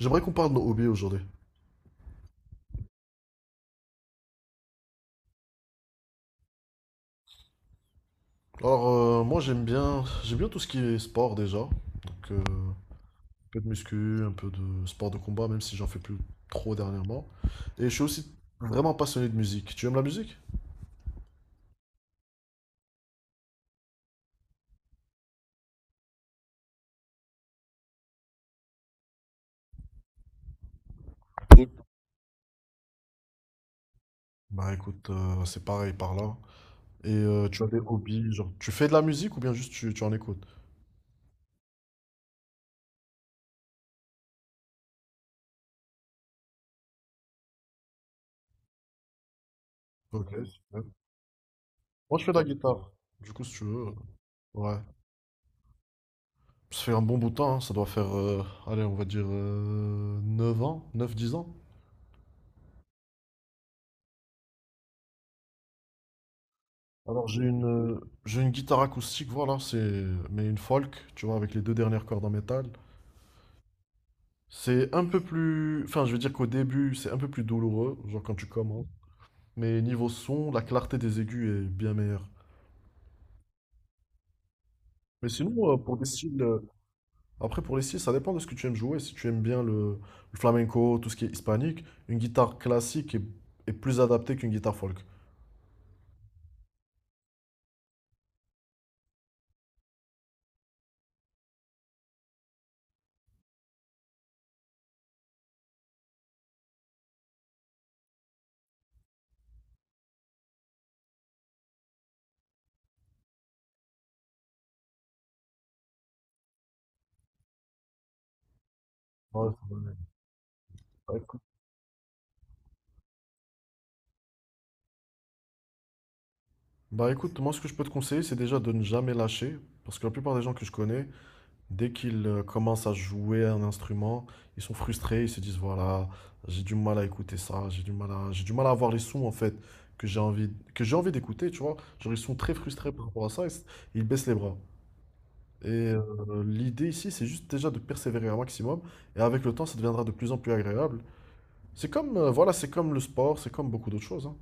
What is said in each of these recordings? J'aimerais qu'on parle de nos hobbies aujourd'hui. Alors, moi, j'aime bien tout ce qui est sport déjà. Donc, un peu de muscu, un peu de sport de combat, même si j'en fais plus trop dernièrement. Et je suis aussi vraiment passionné de musique. Tu aimes la musique? Oui. Bah écoute, c'est pareil par là. Et tu as des hobbies, genre, tu fais de la musique ou bien juste tu en écoutes? Ok, super. Moi, je fais de la guitare. Du coup, si tu veux, ouais. Ça fait un bon bout de temps, hein. Ça doit faire, allez, on va dire 9 ans, neuf dix ans. Alors j'ai une guitare acoustique, voilà, c'est mais une folk, tu vois, avec les deux dernières cordes en métal. C'est un peu plus, enfin je veux dire qu'au début c'est un peu plus douloureux, genre quand tu commences. Mais niveau son, la clarté des aigus est bien meilleure. Mais sinon pour des styles, après pour les styles ça dépend de ce que tu aimes jouer. Si tu aimes bien le flamenco, tout ce qui est hispanique, une guitare classique est plus adaptée qu'une guitare folk. Ouais, c'est vrai. Bah écoute, bah écoute, moi ce que je peux te conseiller c'est déjà de ne jamais lâcher, parce que la plupart des gens que je connais dès qu'ils commencent à jouer un instrument, ils sont frustrés, ils se disent voilà, j'ai du mal à écouter ça, j'ai du mal à avoir les sons en fait que que j'ai envie d'écouter, tu vois. Genre ils sont très frustrés par rapport à ça, ils baissent les bras. Et l'idée ici, c'est juste déjà de persévérer un maximum, et avec le temps, ça deviendra de plus en plus agréable. C'est comme, voilà, c'est comme le sport, c'est comme beaucoup d'autres choses, hein.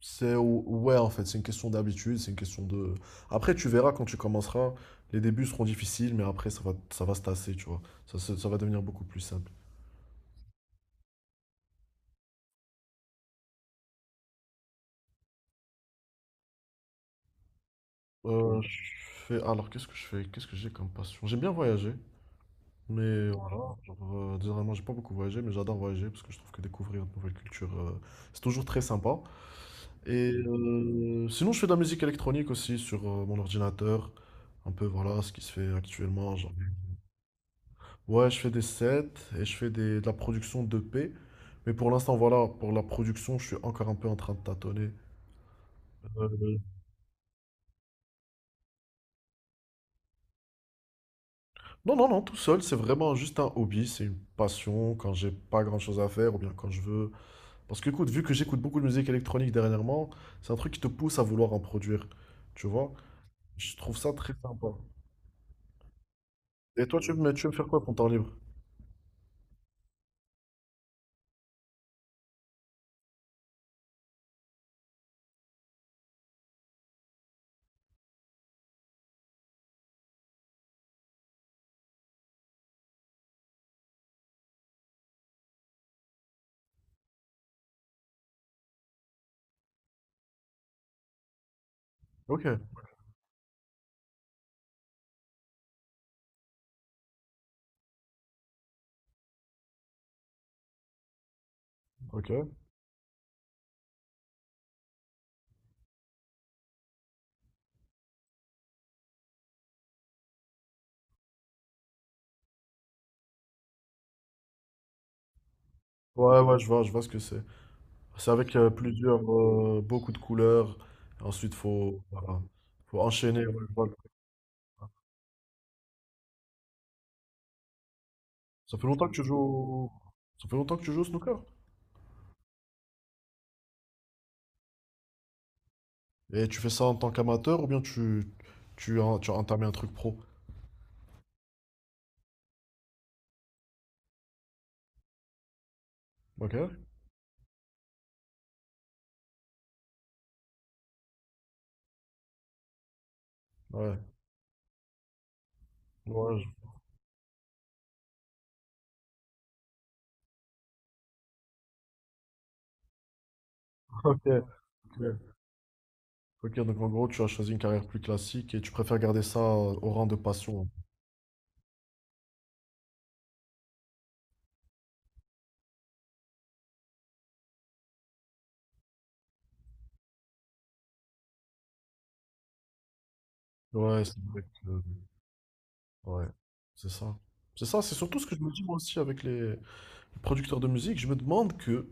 Ouais, en fait, c'est une question d'habitude, c'est une question de. Après, tu verras quand tu commenceras, les débuts seront difficiles, mais après, ça va se tasser, tu vois. Ça va devenir beaucoup plus simple. Je fais... Alors, qu'est-ce que je fais? Qu'est-ce que j'ai comme passion? J'aime bien voyager, mais voilà. Genre, généralement, j'ai pas beaucoup voyagé, mais j'adore voyager parce que je trouve que découvrir de nouvelles cultures, c'est toujours très sympa. Et sinon, je fais de la musique électronique aussi sur mon ordinateur. Un peu, voilà, ce qui se fait actuellement. Genre, ouais, je fais des sets et de la production 2P. Mais pour l'instant, voilà, pour la production, je suis encore un peu en train de tâtonner. Euh, Non, non, tout seul, c'est vraiment juste un hobby, c'est une passion quand j'ai pas grand-chose à faire ou bien quand je veux. Parce que, écoute, vu que j'écoute beaucoup de musique électronique dernièrement, c'est un truc qui te pousse à vouloir en produire, tu vois? Je trouve ça très sympa. Et toi, tu veux me faire quoi pour ton temps libre? Ok, ok. Ouais, ouais, je vois ce que c'est. C'est avec plusieurs, beaucoup de couleurs. Ensuite, voilà, faut enchaîner. Ouais, voilà. Ça fait longtemps que tu joues, au- ça fait longtemps que tu joues au snooker. Et tu fais ça en tant qu'amateur ou bien tu as entamé un truc pro? Ok? Ouais. Ouais, je- Ok. Ok, ok, donc en gros, tu as choisi une carrière plus classique et tu préfères garder ça au rang de passion. Ouais, c'est vrai que- ouais, c'est ça. C'est ça, c'est surtout ce que je me dis moi aussi avec les producteurs de musique. Je me demande que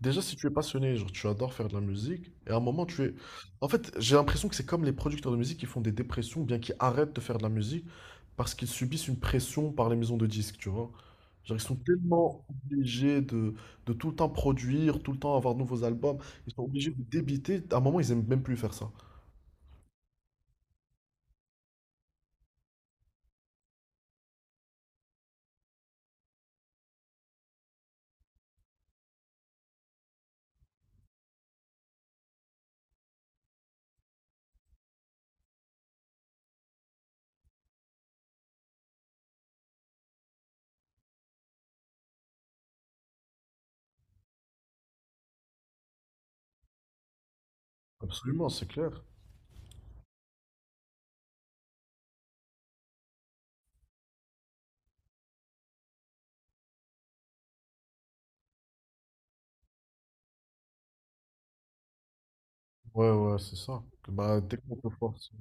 déjà, si tu es passionné, genre tu adores faire de la musique, et à un moment tu es... En fait, j'ai l'impression que c'est comme les producteurs de musique qui font des dépressions, ou bien qui arrêtent de faire de la musique, parce qu'ils subissent une pression par les maisons de disques, tu vois. Genre, ils sont tellement obligés de tout le temps produire, tout le temps avoir de nouveaux albums, ils sont obligés de débiter, à un moment ils aiment même plus faire ça. Absolument, c'est clair. Ouais, ouais, c'est ça. Bah, dès qu'on te force, c'est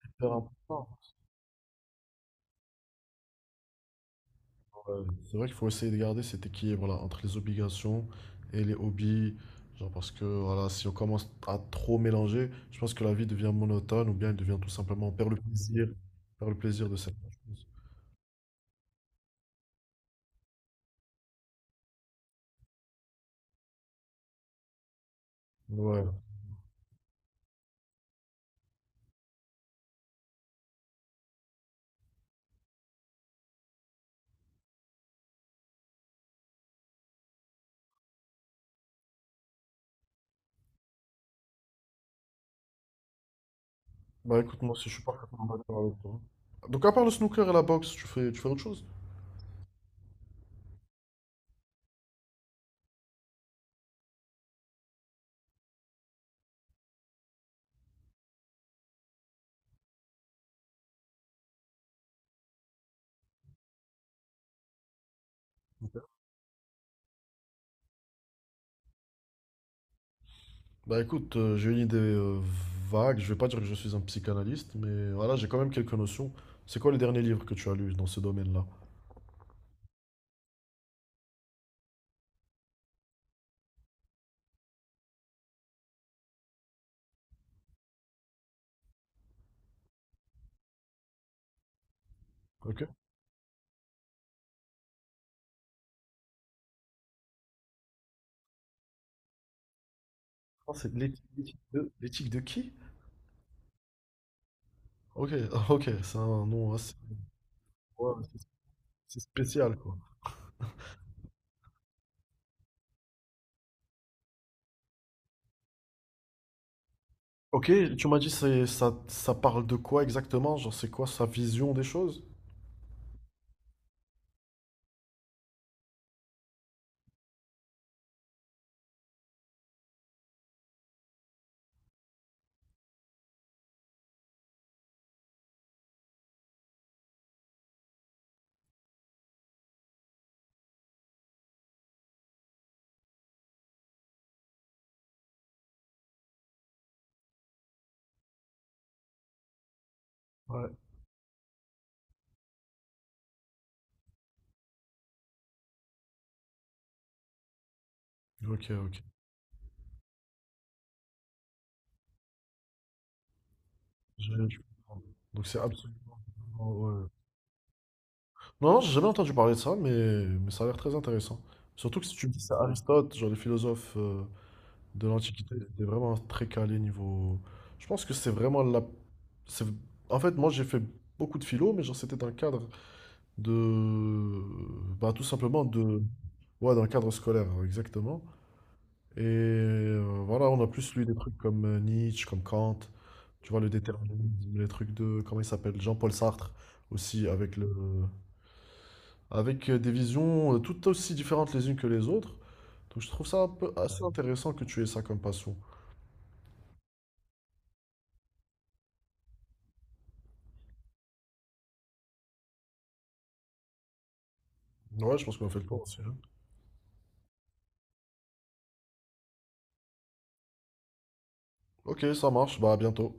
hyper important. Ouais, c'est vrai qu'il faut essayer de garder cet équilibre-là entre les obligations et les hobbies. Genre parce que voilà, si on commence à trop mélanger, je pense que la vie devient monotone ou bien elle devient tout simplement, on perd le plaisir de cette chose. Ouais. Bah écoute, moi aussi, je suis parfaitement d'accord avec toi. Donc à part le snooker et la boxe, tu fais autre chose? Bah écoute, j'ai une idée vague. Je vais pas dire que je suis un psychanalyste, mais voilà, j'ai quand même quelques notions. C'est quoi le dernier livre que tu as lu dans ce domaine-là? Ok. Ah, c'est l'éthique de qui? OK, OK, c'est un nom assez ouais, c'est spécial, quoi. OK, tu m'as dit c'est ça ça parle de quoi exactement? Genre c'est quoi sa vision des choses? Ouais. OK, OK. Je comprends. Donc c'est absolument ouais. Non, non, j'ai jamais entendu parler de ça, mais ça a l'air très intéressant. Surtout que si tu me dis que c'est Aristote, genre les philosophes de l'Antiquité, c'était vraiment très calé niveau. Je pense que c'est vraiment la. C'est- en fait, moi j'ai fait beaucoup de philo, mais genre c'était un cadre. De bah, tout simplement de ouais dans le cadre scolaire hein, exactement. Et voilà, on a plus lu des trucs comme Nietzsche, comme Kant, tu vois, le déterminisme, les trucs de comment il s'appelle Jean-Paul Sartre aussi avec le, avec des visions tout aussi différentes les unes que les autres. Donc je trouve ça un peu assez intéressant que tu aies ça comme passion. Ouais, je pense qu'on a fait le tour aussi, hein. Ok, ça marche, bah à bientôt.